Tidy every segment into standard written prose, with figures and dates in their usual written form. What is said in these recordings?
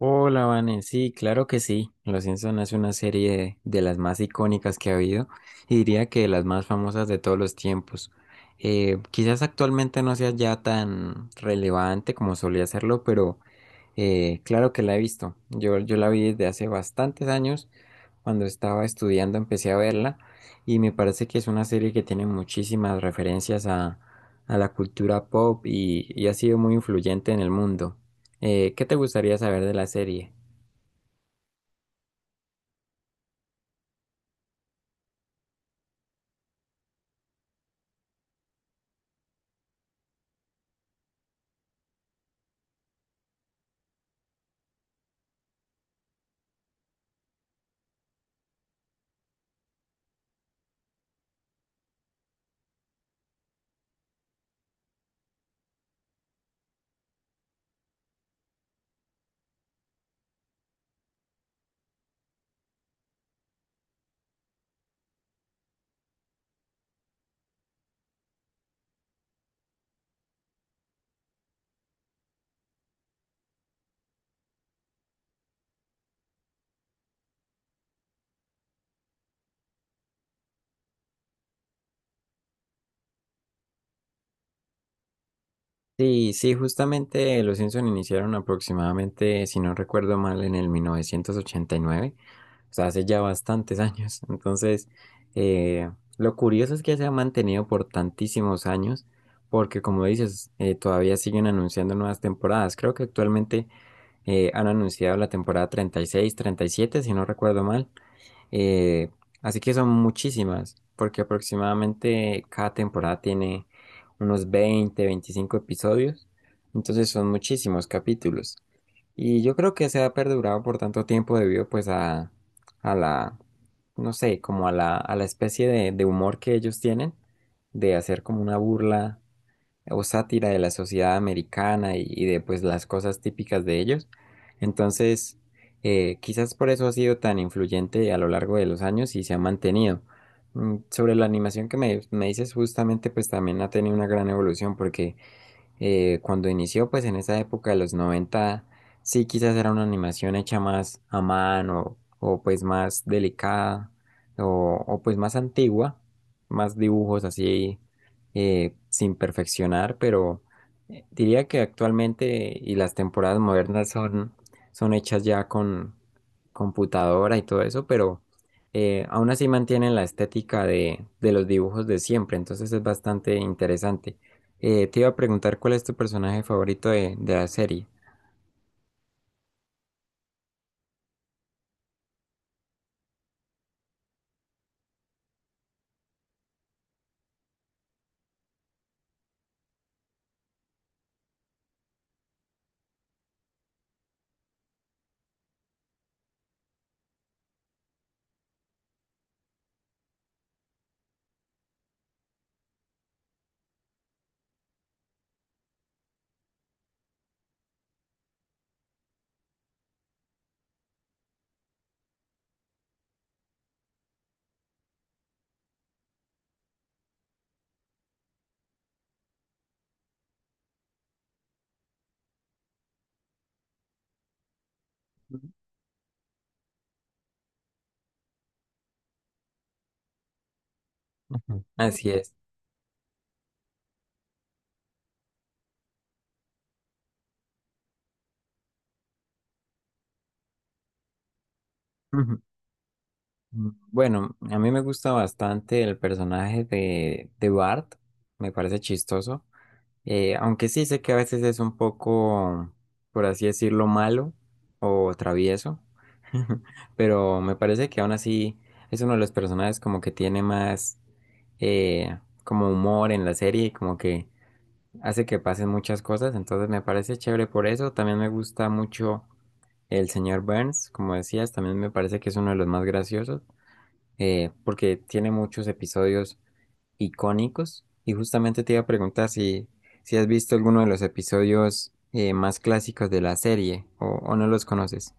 Hola, Vane. Sí, claro que sí. Los Simpson es una serie de las más icónicas que ha habido y diría que de las más famosas de todos los tiempos. Quizás actualmente no sea ya tan relevante como solía serlo, pero claro que la he visto. Yo la vi desde hace bastantes años. Cuando estaba estudiando empecé a verla y me parece que es una serie que tiene muchísimas referencias a la cultura pop y ha sido muy influyente en el mundo. ¿Qué te gustaría saber de la serie? Sí, sí, justamente los Simpson iniciaron aproximadamente, si no recuerdo mal, en el 1989, o sea, hace ya bastantes años. Entonces, eh, lo curioso es que se ha mantenido por tantísimos años, porque como dices, todavía siguen anunciando nuevas temporadas. Creo que actualmente han anunciado la temporada 30, 36, 37 si no recuerdo mal. Eh, Así que son muchísimas, porque aproximadamente cada temporada tiene unos 20, 25 episodios. Entonces son muchísimos capítulos. Y yo creo que se ha perdurado por tanto tiempo debido pues a la, no sé, como a la especie de humor que ellos tienen, de hacer como una burla o sátira de la sociedad americana y de pues las cosas típicas de ellos. Entonces, quizás por eso ha sido tan influyente a lo largo de los años y se ha mantenido. Mm, sobre la animación que me dices, justamente pues también ha tenido una gran evolución porque cuando inició, pues en esa época de los 90, sí, quizás era una animación hecha más a mano o pues más delicada o, pues más antigua, más dibujos así sin perfeccionar, pero diría que actualmente y las temporadas modernas son, son hechas ya con computadora y todo eso, pero aún así mantienen la estética de los dibujos de siempre, entonces es bastante interesante. Te iba a preguntar cuál es tu personaje favorito de la serie. Ujú. Así es. Ujú. Mm, bueno, a mí me gusta bastante el personaje de Bart, me parece chistoso. Aunque sí sé que a veces es un poco, por así decirlo, malo o travieso, pero me parece que aún así es uno de los personajes como que tiene más eh, como humor en la serie, como que hace que pasen muchas cosas, entonces me parece chévere por eso. También me gusta mucho el señor Burns, como decías, también me parece que es uno de los más graciosos, porque tiene muchos episodios icónicos. Y justamente te iba a preguntar si, si has visto alguno de los episodios más clásicos de la serie o no los conoces.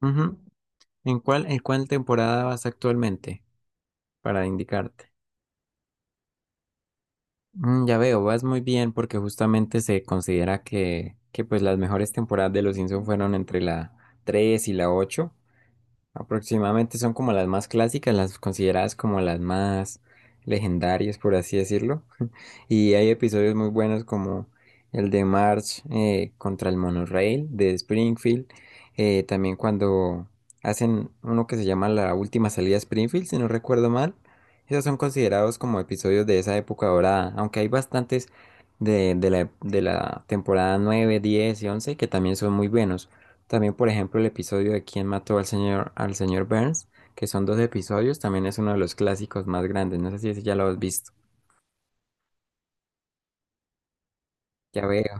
Ujú. En cuál temporada vas actualmente? Para indicarte. Mm, ya veo, vas muy bien porque justamente se considera que pues las mejores temporadas de Los Simpson fueron entre la 3 y la 8. Aproximadamente son como las más clásicas, las consideradas como las más legendarias, por así decirlo. Y hay episodios muy buenos como el de March contra el monorail de Springfield. También cuando hacen uno que se llama La Última Salida a Springfield, si no recuerdo mal. Esos son considerados como episodios de esa época dorada, aunque hay bastantes de la temporada 9, 10 y 11 que también son muy buenos. También, por ejemplo, el episodio de ¿Quién mató al señor Burns? Que son dos episodios, también es uno de los clásicos más grandes. No sé si ese ya lo has visto. Ya veo.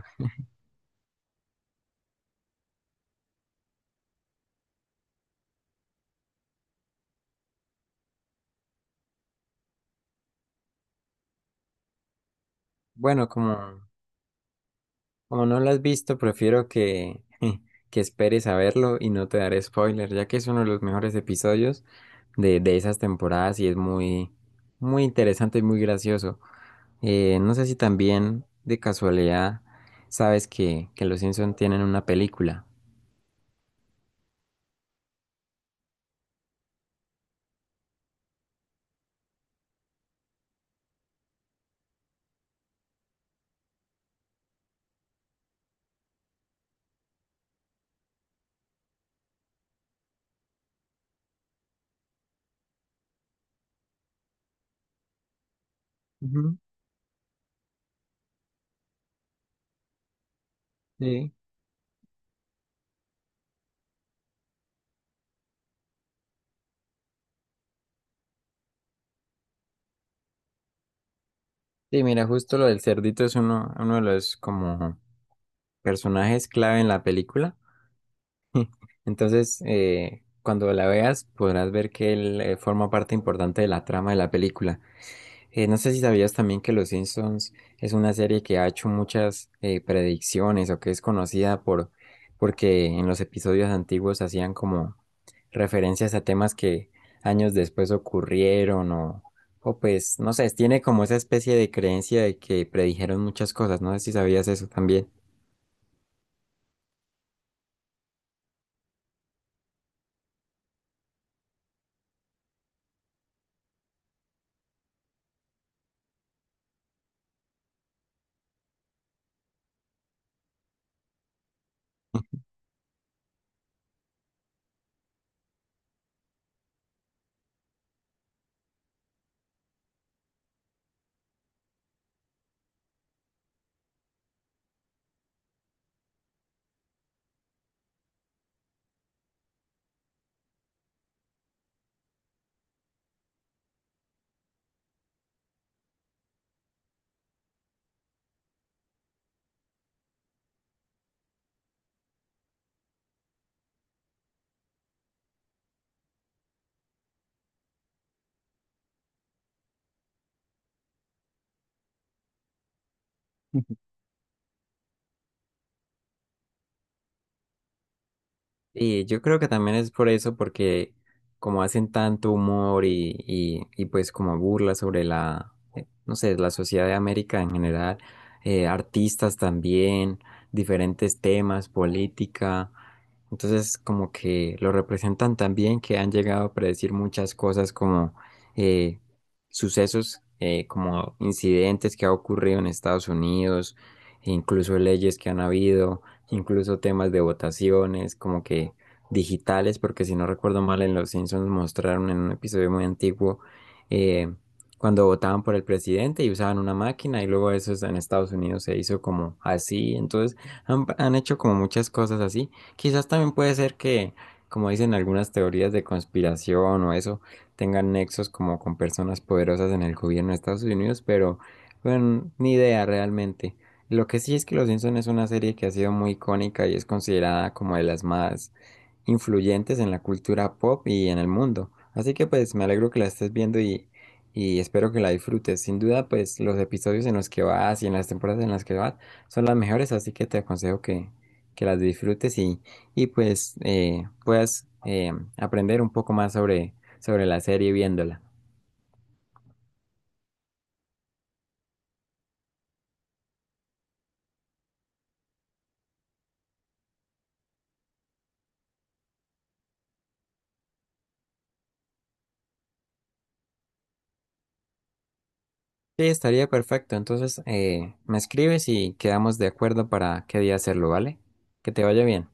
Bueno, como, como no lo has visto, prefiero que, que esperes a verlo y no te daré spoiler, ya que es uno de los mejores episodios de esas temporadas y es muy, muy interesante y muy gracioso. No sé si también de casualidad sabes que los Simpson tienen una película. Ujú, sí. Sí, mira, justo lo del cerdito es uno, uno de los como personajes clave en la película. Entonces, cuando la veas, podrás ver que él forma parte importante de la trama de la película. No sé si sabías también que Los Simpsons es una serie que ha hecho muchas predicciones o que es conocida por porque en los episodios antiguos hacían como referencias a temas que años después ocurrieron o pues no sé, tiene como esa especie de creencia de que predijeron muchas cosas. No sé si sabías eso también. Y yo creo que también es por eso, porque como hacen tanto humor y pues como burla sobre la, no sé, la sociedad de América en general, artistas también, diferentes temas, política, entonces como que lo representan tan bien que han llegado a predecir muchas cosas como eh, sucesos, como incidentes que ha ocurrido en Estados Unidos, e incluso leyes que han habido, incluso temas de votaciones, como que digitales, porque si no recuerdo mal, en Los Simpsons mostraron en un episodio muy antiguo eh, cuando votaban por el presidente y usaban una máquina y luego eso es- en Estados Unidos se hizo como así, entonces han hecho como muchas cosas así. Quizás también puede ser que, como dicen algunas teorías de conspiración o eso, tengan nexos como con personas poderosas en el gobierno de Estados Unidos, pero bueno, ni idea realmente. Lo que sí es que Los Simpson es una serie que ha sido muy icónica y es considerada como de las más influyentes en la cultura pop y en el mundo. Así que pues me alegro que la estés viendo y espero que la disfrutes. Sin duda pues los episodios en los que vas y en las temporadas en las que vas son las mejores, así que te aconsejo que las disfrutes y pues puedas aprender un poco más sobre, sobre la serie viéndola. Sí, estaría perfecto. Entonces, me escribes y quedamos de acuerdo para qué día hacerlo, ¿vale? Que te vaya bien.